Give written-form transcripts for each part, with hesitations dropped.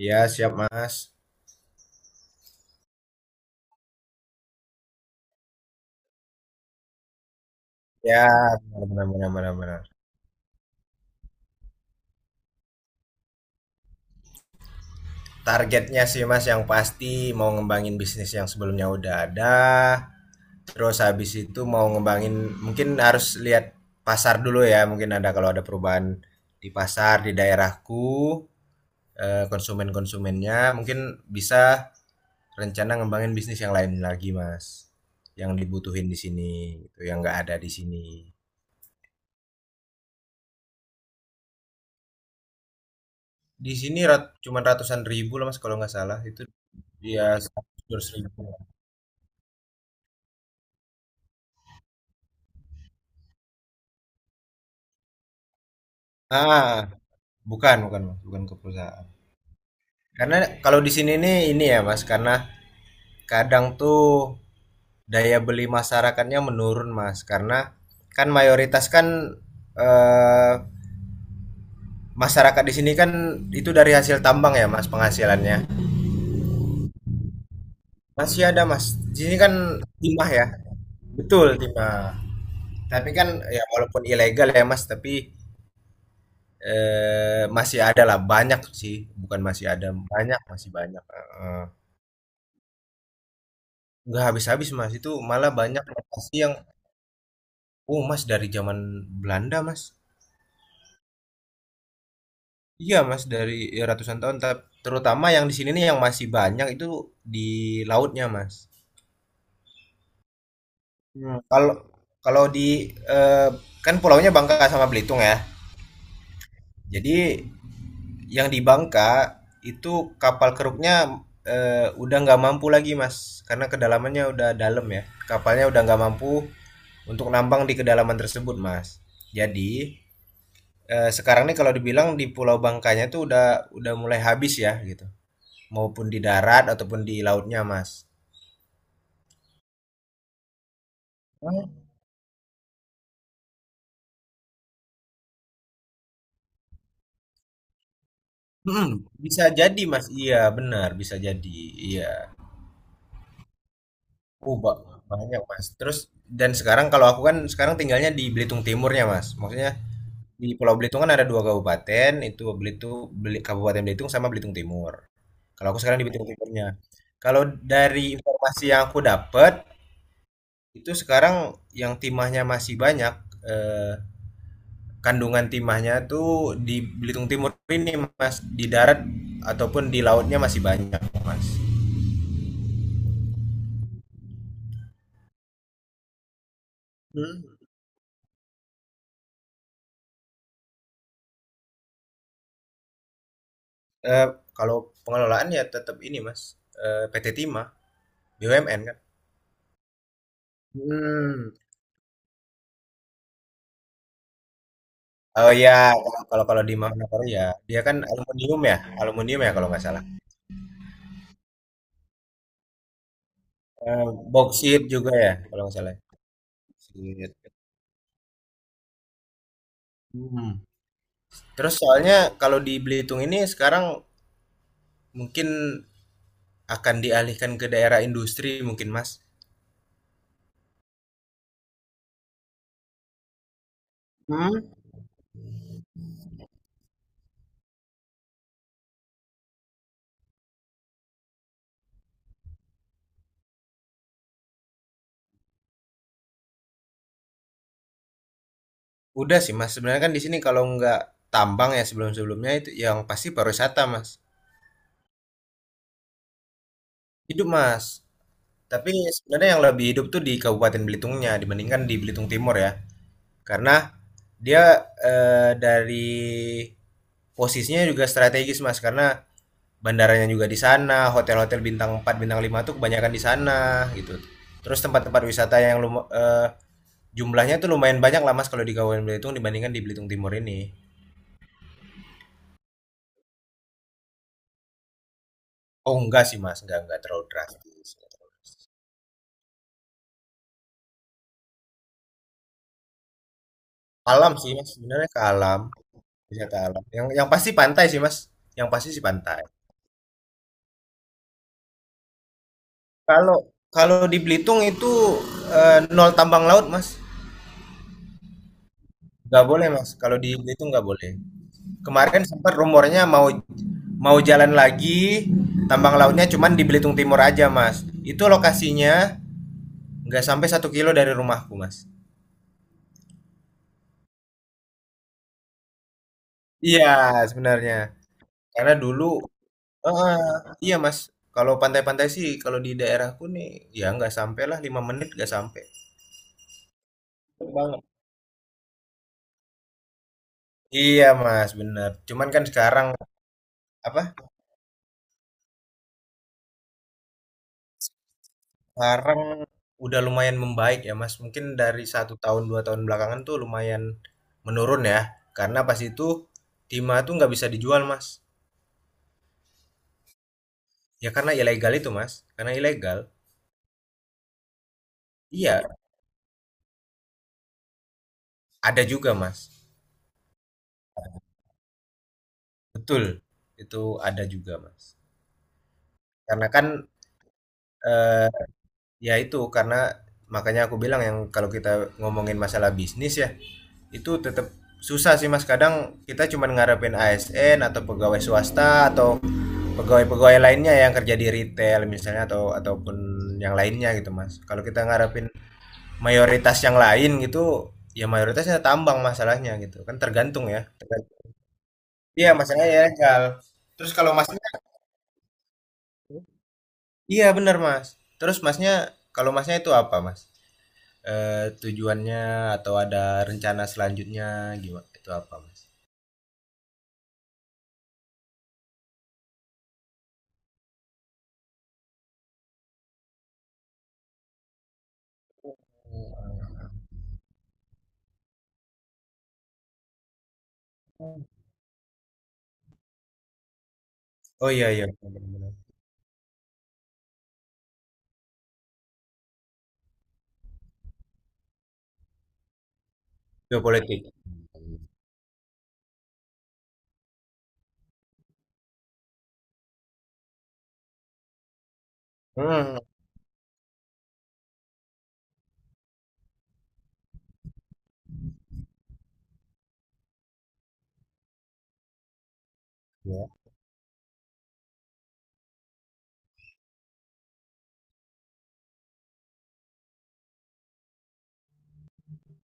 Iya, siap Mas. Ya, benar benar benar benar. Targetnya sih Mas, yang pasti mau ngembangin bisnis yang sebelumnya udah ada, terus habis itu mau ngembangin, mungkin harus lihat pasar dulu ya, mungkin ada, kalau ada perubahan di pasar di daerahku, konsumen-konsumennya mungkin bisa rencana ngembangin bisnis yang lain lagi, Mas. Yang dibutuhin di sini, gitu, yang nggak ada di sini. Di sini cuman ratusan ribu lah Mas kalau nggak salah, itu. Iya, 100 ribu. Ah, Bukan, bukan, Mas, bukan ke perusahaan. Karena kalau di sini nih ini ya, Mas, karena kadang tuh daya beli masyarakatnya menurun, Mas. Karena kan mayoritas kan, eh, masyarakat di sini kan itu dari hasil tambang ya, Mas, penghasilannya. Masih ada, Mas. Di sini kan timah ya. Betul, timah. Tapi kan, ya walaupun ilegal ya, Mas, tapi masih ada lah, banyak sih, bukan masih ada, banyak, masih banyak, heeh. Nggak habis-habis, Mas, itu malah banyak lokasi yang. Oh, Mas, dari zaman Belanda, Mas. Iya, Mas, dari ya ratusan tahun, terutama yang di sini nih yang masih banyak itu di lautnya, Mas. Kalau kalau di eee, kan pulaunya Bangka sama Belitung ya. Jadi, yang di Bangka, itu kapal keruknya, udah nggak mampu lagi, Mas, karena kedalamannya udah dalam ya. Kapalnya udah nggak mampu untuk nambang di kedalaman tersebut, Mas. Jadi, sekarang nih kalau dibilang di Pulau Bangkanya tuh udah mulai habis ya gitu, maupun di darat ataupun di lautnya, Mas. Oh. Mhm, bisa jadi, Mas. Iya, benar, bisa jadi, iya. Oh, banyak, Mas. Terus, dan sekarang kalau aku, kan sekarang tinggalnya di Belitung Timurnya, Mas. Maksudnya, di Pulau Belitung kan ada dua kabupaten, itu Belitung, Kabupaten Belitung sama Belitung Timur. Kalau aku sekarang di Belitung Timurnya. Kalau dari informasi yang aku dapat, itu sekarang yang timahnya masih banyak, eh, kandungan timahnya tuh di Belitung Timur ini, Mas, di darat ataupun di lautnya masih banyak, Mas. Hmm. Eh, Kalau pengelolaan ya tetap ini, Mas, PT Timah, BUMN kan. Hmm. Oh ya, kalau kalau kalau di Manokwari ya, dia kan aluminium ya kalau nggak salah. Eh, Boksit juga ya kalau nggak salah. Boksit. Hmm. Terus soalnya kalau di Belitung ini sekarang mungkin akan dialihkan ke daerah industri mungkin, Mas. Hmm. Udah sih, Mas, sebenarnya kan di sini kalau nggak tambang ya sebelum-sebelumnya itu yang pasti pariwisata, Mas. Hidup, Mas. Tapi sebenarnya yang lebih hidup tuh di Kabupaten Belitungnya dibandingkan di Belitung Timur ya. Karena dia, dari posisinya juga strategis, Mas, karena bandaranya juga di sana, hotel-hotel bintang 4 bintang 5 tuh kebanyakan di sana gitu. Terus tempat-tempat wisata yang jumlahnya tuh lumayan banyak lah, Mas, kalau di Kabupaten Belitung dibandingkan di Belitung Timur ini. Oh enggak sih, Mas, enggak terlalu drastis. Alam sih, Mas, sebenarnya ke alam, wisata alam. Yang pasti pantai sih, Mas, yang pasti sih pantai. Kalau, di Belitung itu, nol tambang laut, Mas. Nggak boleh, Mas, kalau di itu nggak boleh. Kemarin sempat rumornya mau, jalan lagi tambang lautnya cuman di Belitung Timur aja, Mas. Itu lokasinya nggak sampai 1 kilo dari rumahku, Mas. Iya, sebenarnya karena dulu, eh, iya Mas, kalau pantai-pantai sih kalau di daerahku nih ya nggak sampai lah 5 menit, nggak sampai. Cepet banget. Iya Mas bener. Cuman kan sekarang apa. Sekarang udah lumayan membaik ya, Mas, mungkin dari 1 tahun 2 tahun belakangan tuh lumayan menurun ya, karena pas itu timah tuh nggak bisa dijual, Mas, ya karena ilegal itu, Mas, karena ilegal. Iya, ada juga Mas. Betul, itu ada juga, Mas. Karena kan, eee, ya itu, karena makanya aku bilang, yang kalau kita ngomongin masalah bisnis ya, itu tetap susah sih, Mas, kadang kita cuman ngarepin ASN atau pegawai swasta atau pegawai-pegawai lainnya yang kerja di retail misalnya, ataupun yang lainnya gitu mas, kalau kita ngarepin mayoritas yang lain gitu, ya mayoritasnya tambang masalahnya, gitu kan. Tergantung ya, tergantung. Iya masalahnya ya, Cal. Terus kalau masnya. Iya, benar, mas. Terus masnya, kalau masnya itu apa, mas, eh, tujuannya, atau ada rencana selanjutnya gimana, itu apa, mas? Oh iya, iya, benar-benar. Geopolitik. Hmm. Ya.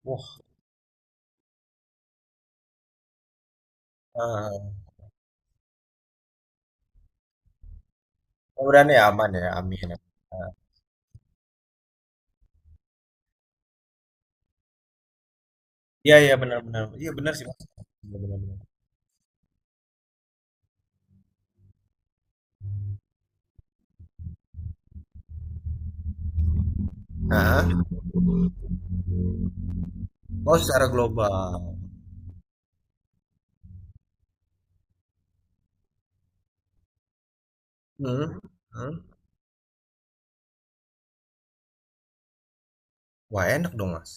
Wah. eh, Mudah-mudahan ya, aman ya, amin ya. Iya iya, benar benar. Iya benar sih, Mas. Benar benar benar. Nah, oh, secara global. Hmm. Hmm. Wah, enak dong mas.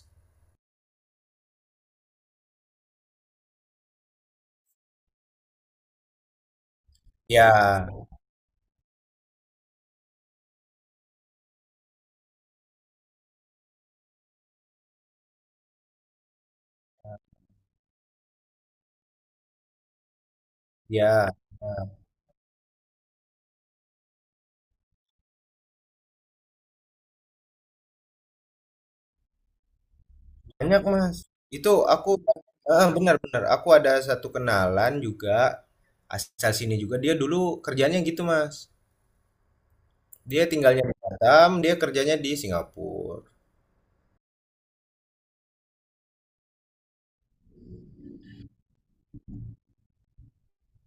Ya, ya. Banyak, Mas. Itu aku, benar benar. Aku ada satu kenalan juga asal sini juga. Dia dulu kerjanya gitu, mas. Dia tinggalnya di Batam. Dia kerjanya di Singapura.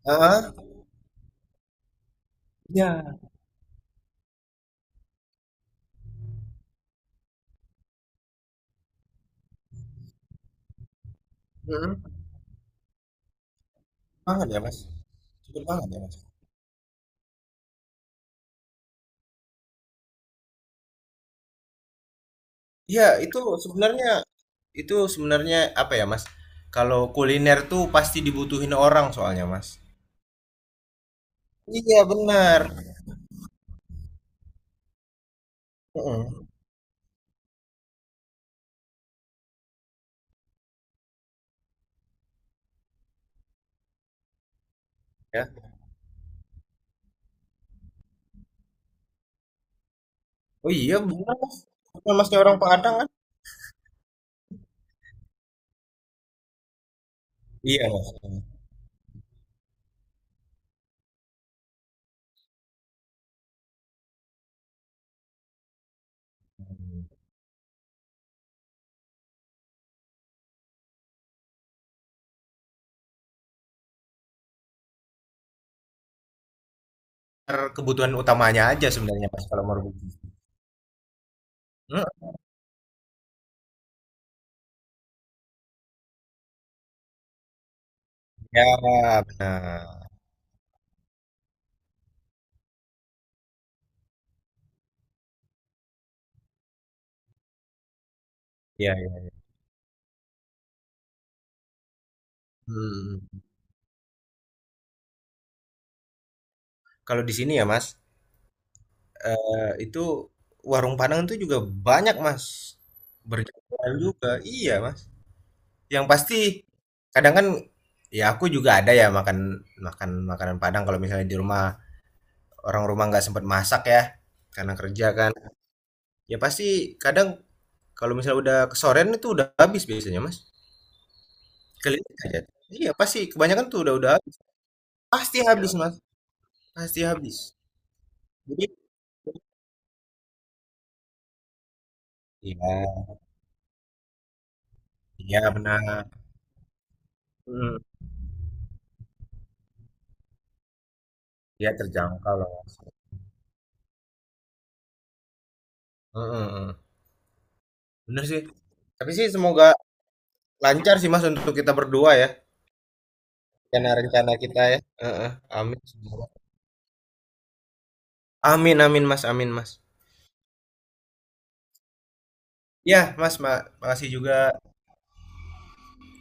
Ah. Ya. Hmm. Banget ya, Mas. Cepet banget ya, Mas. Iya, itu sebenarnya, itu sebenarnya apa ya, Mas? Kalau kuliner tuh pasti dibutuhin orang soalnya, Mas. Iya, benar. Heeh. Ya. Oh iya, benar, Mas. Bukan Masnya orang Padang kan? Iya, Mas. Kebutuhan utamanya aja sebenarnya, Mas, kalau mau rebus. Heeh. Ya, benar. Iya, iya. Hmm. Kalau di sini ya, Mas, itu warung Padang itu juga banyak, Mas. Berjualan juga. Iya, Mas. Yang pasti kadang kan, ya aku juga ada ya makan, makanan Padang kalau misalnya di rumah orang rumah nggak sempat masak ya karena kerja kan. Ya pasti kadang kalau misalnya udah kesorean itu udah habis biasanya, Mas. Keliling aja. Iya, pasti kebanyakan tuh udah habis. Pasti habis, Mas, pasti habis. Jadi. Iya iya, benar. Mm. Iya, terjangkau loh. Mm, mm, mm. Bener sih. Tapi sih semoga lancar sih Mas untuk kita berdua ya. Rencana-rencana kita ya. Heeh. Amin. Amin amin Mas, amin Mas. Ya, Mas, makasih juga.